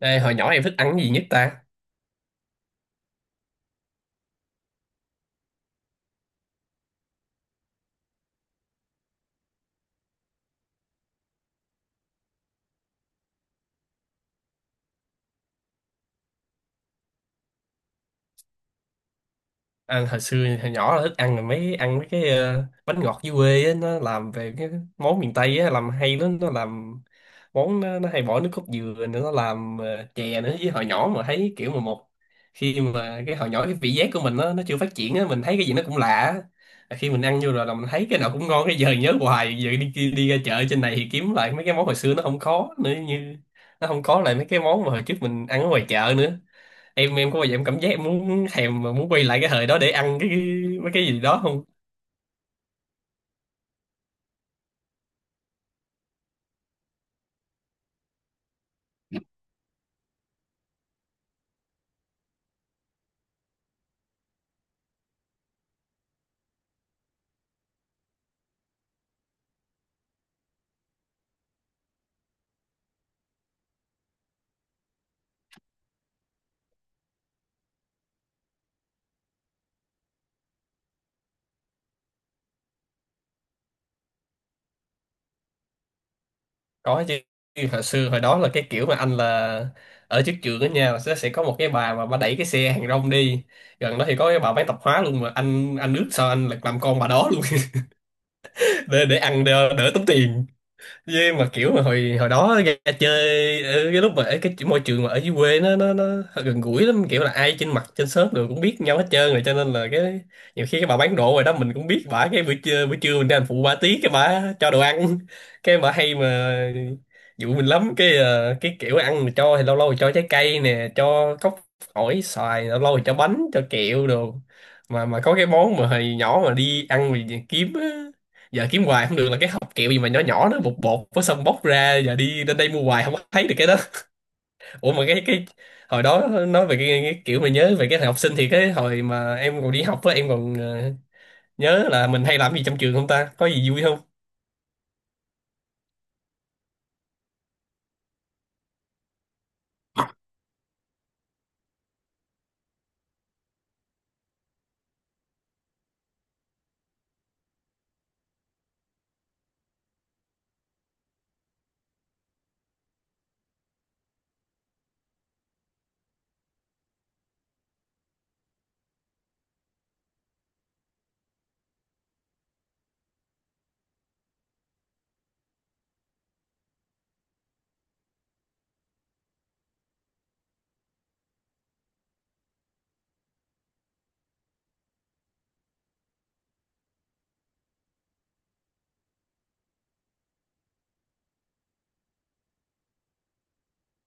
Đây, hồi nhỏ em thích ăn cái gì nhất ta? À, hồi xưa hồi nhỏ là thích ăn mấy cái bánh ngọt dưới quê á. Nó làm về cái món miền Tây á, làm hay lắm. Nó làm món nó hay bỏ nước cốt dừa nữa, nó làm chè nữa. Với hồi nhỏ mà thấy kiểu mà một khi mà cái hồi nhỏ cái vị giác của mình nó chưa phát triển á, mình thấy cái gì nó cũng lạ á. Và khi mình ăn vô rồi là mình thấy cái nào cũng ngon, cái giờ nhớ hoài. Giờ đi đi, đi ra chợ trên này thì kiếm lại mấy cái món hồi xưa nó không có nữa, như nó không có lại mấy cái món mà hồi trước mình ăn ở ngoài chợ nữa. Em có bao giờ em cảm giác em muốn thèm mà muốn quay lại cái thời đó để ăn cái mấy cái gì đó không? Có chứ. Hồi xưa hồi đó là cái kiểu mà anh là ở trước trường đó nha, sẽ có một cái bà mà bà đẩy cái xe hàng rong đi gần đó. Thì có cái bà bán tạp hóa luôn mà anh ước sao anh là làm con bà đó luôn để ăn đỡ, đỡ tốn tiền. Với mà kiểu mà hồi hồi đó ra chơi, ở cái lúc mà ở cái môi trường mà ở dưới quê nó gần gũi lắm. Kiểu là ai trên mặt trên xóm rồi cũng biết nhau hết trơn, rồi cho nên là cái nhiều khi cái bà bán đồ rồi đó mình cũng biết bả. Cái buổi trưa mình đi hành phụ bà tí, cái bả cho đồ ăn cái bả hay dụ mình lắm. Cái cái kiểu ăn mình cho thì lâu lâu thì cho trái cây nè, cho cốc ổi xoài, lâu lâu thì cho bánh cho kẹo đồ. Mà có cái món mà hồi nhỏ mà đi ăn mà kiếm á, giờ kiếm hoài không được, là cái hộp kẹo gì mà nhỏ nhỏ nó bột bột, với xong bóc ra, giờ đi đến đây mua hoài không có thấy được cái đó. Ủa mà cái hồi đó, nói về cái kiểu mà nhớ về cái thời học sinh, thì cái hồi mà em còn đi học á, em còn nhớ là mình hay làm gì trong trường không ta, có gì vui không?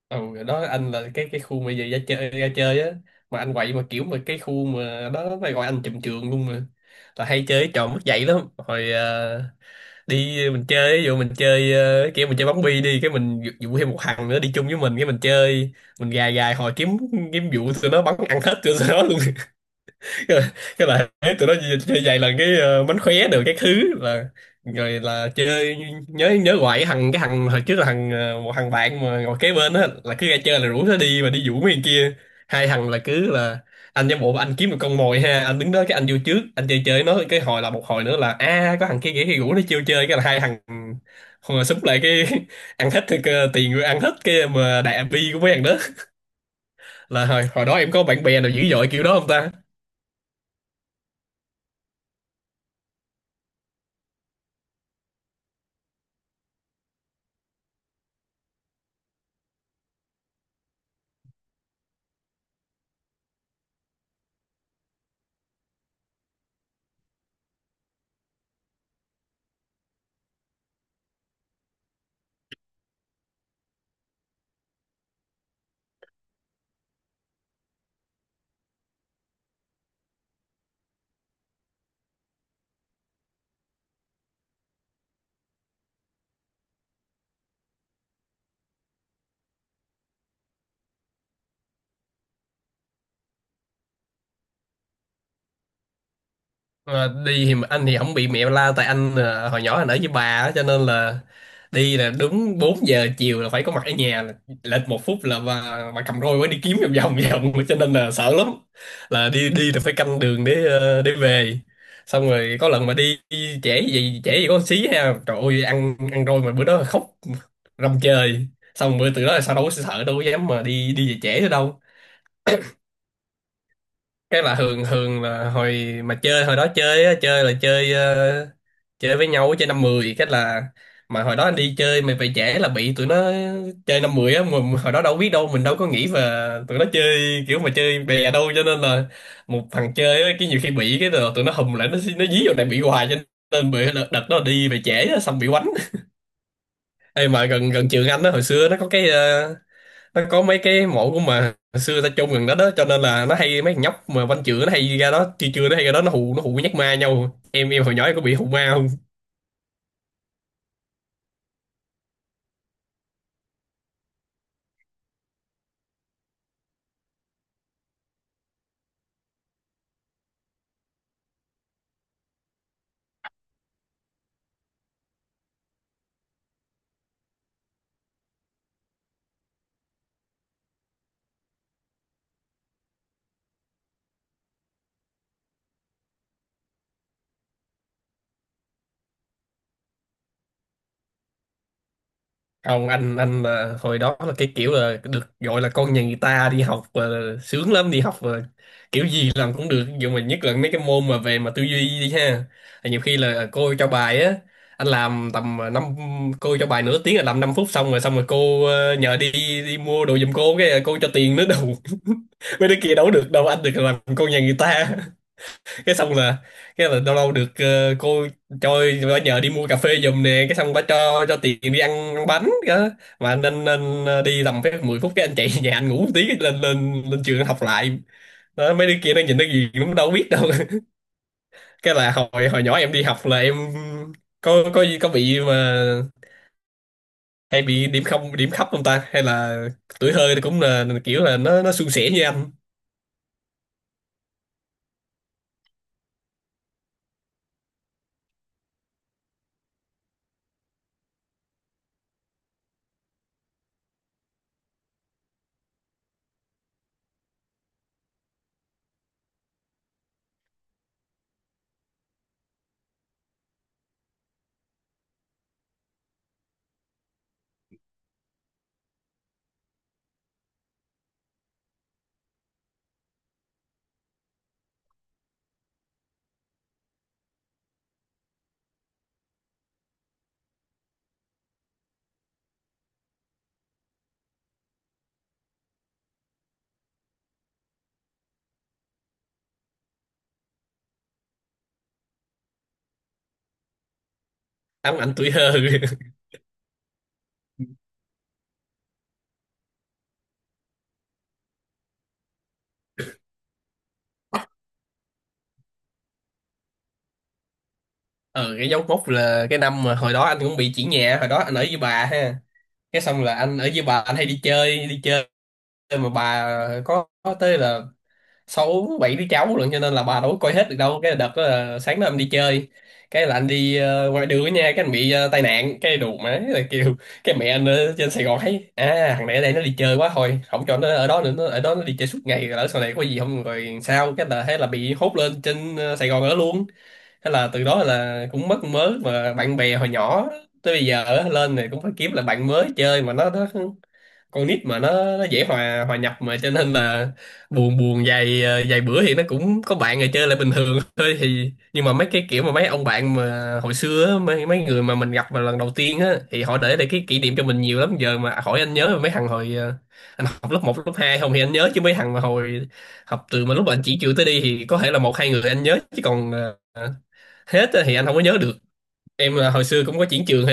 Ừ rồi đó, anh là cái khu mà về ra chơi á, mà anh quậy. Mà kiểu mà cái khu mà đó phải gọi anh trùm trường luôn. Mà là hay chơi trò mất dạy lắm hồi đi. Mình chơi ví dụ mình chơi kiểu mình chơi bóng bi đi, cái mình dụ dụ thêm một thằng nữa đi chung với mình, cái mình chơi, mình gài gài hồi kiếm kiếm vụ tụi nó bắn ăn hết tụi nó luôn cái là thấy tụi nó chơi vài lần, cái mánh khóe được cái thứ là rồi là chơi. Nhớ nhớ hoài cái thằng hồi trước là thằng một thằng bạn mà ngồi kế bên á, là cứ ra chơi là rủ nó đi mà đi vũ mấy thằng kia. Hai thằng là cứ là anh giả bộ anh kiếm một con mồi ha, anh đứng đó, cái anh vô trước anh chơi chơi nó, cái hồi là một hồi nữa là a có thằng kia kia kia rủ nó chiêu chơi, cái là hai thằng hồi súng lại, cái ăn hết thì tiền rồi ăn hết cái mà đại bi của mấy thằng đó. Là hồi hồi đó em có bạn bè nào dữ dội kiểu đó không ta? Ờ, đi thì anh thì không bị mẹ la tại anh hồi nhỏ anh ở với bà á, cho nên là đi là đúng 4 giờ chiều là phải có mặt ở nhà. Là lệch 1 phút là bà cầm roi mới đi kiếm vòng vòng vòng, cho nên là sợ lắm. Là đi đi là phải canh đường để để về. Xong rồi có lần mà đi trễ gì có xí ha, trời ơi, ăn ăn roi, mà bữa đó khóc rầm trời. Xong bữa từ đó là sao đâu có sợ, đâu có dám mà đi đi về trễ nữa đâu. Chắc là Hường Hường là hồi mà chơi hồi đó chơi á, chơi là chơi chơi với nhau, chơi năm mười cách là. Mà hồi đó anh đi chơi mày về trễ là bị tụi nó chơi năm mười á, mình hồi đó đâu biết đâu, mình đâu có nghĩ về tụi nó chơi kiểu mà chơi bè đâu, cho nên là một thằng chơi á cái nhiều khi bị cái rồi tụi nó hùm lại, nó dí vào này bị hoài, cho nên bị đợt đó đi về trễ á, xong bị quánh. Ê mà gần gần trường anh đó hồi xưa nó có cái nó có mấy cái mộ của mà hồi xưa ta chôn gần đó đó, cho nên là nó hay, mấy thằng nhóc mà văn chữa nó hay ra đó chưa chưa nó hay ra đó nó hù nhắc ma nhau. Em hồi nhỏ em có bị hù ma không? Anh là hồi đó là cái kiểu là được gọi là con nhà người ta đi học, sướng lắm. Đi học kiểu gì làm cũng được, nhưng mà nhất là mấy cái môn mà về mà tư duy đi ha. Thì nhiều khi là cô cho bài á, anh làm tầm năm, cô cho bài nửa tiếng là làm 5 phút xong rồi. Xong rồi cô nhờ đi đi mua đồ giùm cô, cái cô cho tiền nữa đâu mấy đứa kia đâu có được đâu, anh được làm con nhà người ta. Cái xong là cái là lâu lâu được cô cho bà nhờ đi mua cà phê giùm nè, cái xong bà cho tiền đi ăn, ăn bánh đó. Mà anh đi tầm phép 10 phút cái anh chạy về nhà anh ngủ một tí, cái lên lên lên trường học lại đó. Mấy đứa kia nó nhìn nó gì cũng đâu biết đâu cái là hồi hồi nhỏ em đi học là em có bị mà hay bị điểm không điểm thấp không ta, hay là tuổi thơ thì cũng là kiểu là nó suôn sẻ như anh? Anh tuổi thơ ờ, cái dấu mốc là cái năm mà hồi đó anh cũng bị chuyển nhà. Hồi đó anh ở với bà ha, cái xong là anh ở với bà, anh hay đi chơi. Mà bà có tới là sáu bảy đứa cháu lận, cho nên là bà đâu có coi hết được đâu. Cái đợt đó là sáng đó em đi chơi, cái là anh đi ngoài đường nha, cái anh bị tai nạn. Cái đù má là kêu, cái mẹ anh ở trên Sài Gòn thấy, à thằng này ở đây nó đi chơi quá, thôi không cho nó ở đó nữa, nó ở đó nó đi chơi suốt ngày lỡ sau này có gì không rồi sao. Cái là thế là bị hốt lên trên Sài Gòn ở luôn. Thế là từ đó là cũng mất mớ mà bạn bè hồi nhỏ. Tới bây giờ ở lên này cũng phải kiếm lại bạn mới chơi, mà nó con nít mà nó dễ hòa hòa nhập, mà cho nên là buồn buồn vài vài bữa thì nó cũng có bạn rồi chơi lại bình thường thôi. Thì nhưng mà mấy cái kiểu mà mấy ông bạn mà hồi xưa á, mấy mấy người mà mình gặp mà lần đầu tiên á, thì họ để lại cái kỷ niệm cho mình nhiều lắm. Giờ mà hỏi anh nhớ mấy thằng hồi anh học lớp một lớp 2 không, thì anh nhớ chứ. Mấy thằng mà hồi học từ mà lúc anh chỉ trường tới đi thì có thể là một hai người anh nhớ chứ còn ờ, hết á thì anh không có nhớ được. Em là hồi xưa cũng có chuyển trường?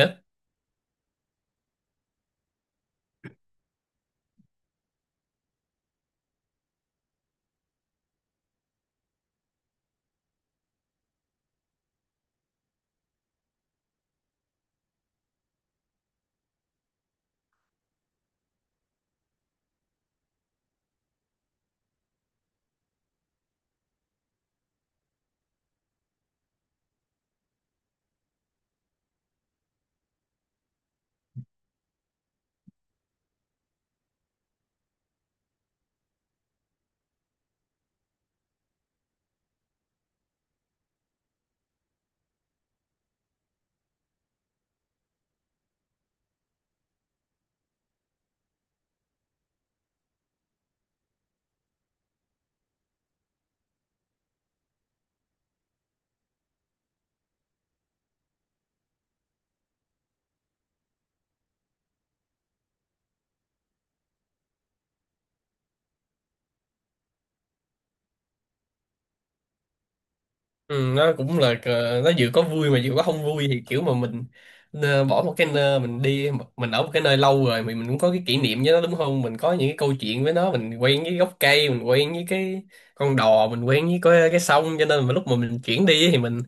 Ừ, nó cũng là nó vừa có vui mà vừa có không vui. Thì kiểu mà mình bỏ một cái nơi mình đi, mình ở một cái nơi lâu rồi, mình cũng có cái kỷ niệm với nó đúng không, mình có những cái câu chuyện với nó, mình quen với gốc cây, mình quen với cái con đò, mình quen với cái sông. Cho nên mà lúc mà mình chuyển đi thì mình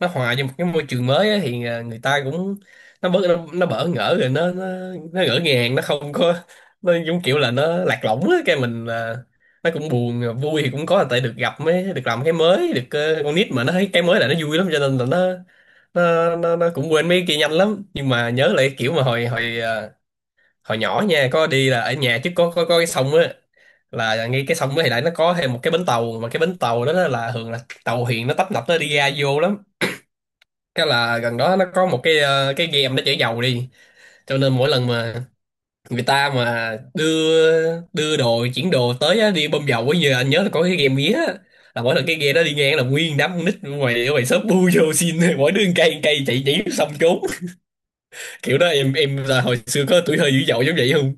nó hòa vô một cái môi trường mới á, thì à, người ta cũng nó bớt nó bỡ ngỡ rồi nó nó ngỡ ngàng, nó không có, nó giống kiểu là nó lạc lõng á. Cái mình à, nó cũng buồn. À, vui thì cũng có là tại được gặp mới được làm cái mới được con nít mà nó thấy cái mới là nó vui lắm, cho nên là nó cũng quên mấy cái kia nhanh lắm. Nhưng mà nhớ lại kiểu mà hồi hồi à, hồi nhỏ nha, có đi là ở nhà trước có cái sông á. Là ngay cái sông đó thì lại nó có thêm một cái bến tàu, mà cái bến tàu đó là thường là tàu thuyền nó tấp nập nó đi ra vô lắm. Cái là gần đó nó có một cái cái game nó chở dầu đi. Cho nên mỗi lần mà người ta mà đưa đưa đồ chuyển đồ tới á, đi bơm dầu á, giờ anh nhớ là có cái game mía á. Là mỗi lần cái game đó đi ngang là nguyên đám con nít ở ngoài shop bu vô xin mỗi đứa một cây, một cây chạy chỉ xong trốn kiểu đó. Em là hồi xưa có tuổi thơ dữ dội giống vậy không?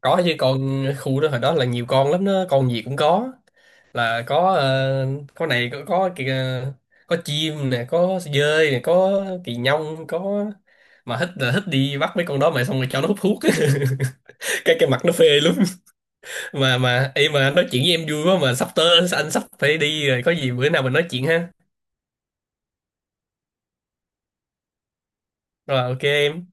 Có chứ, con khu đó hồi đó là nhiều con lắm đó, con gì cũng có. Là có có này có kìa, có chim nè, có dơi nè, có kỳ nhông có. Mà thích là thích đi bắt mấy con đó, mà xong rồi cho nó hút thuốc cái mặt nó phê lắm. Mà anh nói chuyện với em vui quá mà sắp tới anh sắp phải đi rồi, có gì bữa nào mình nói chuyện ha. Rồi, OK em.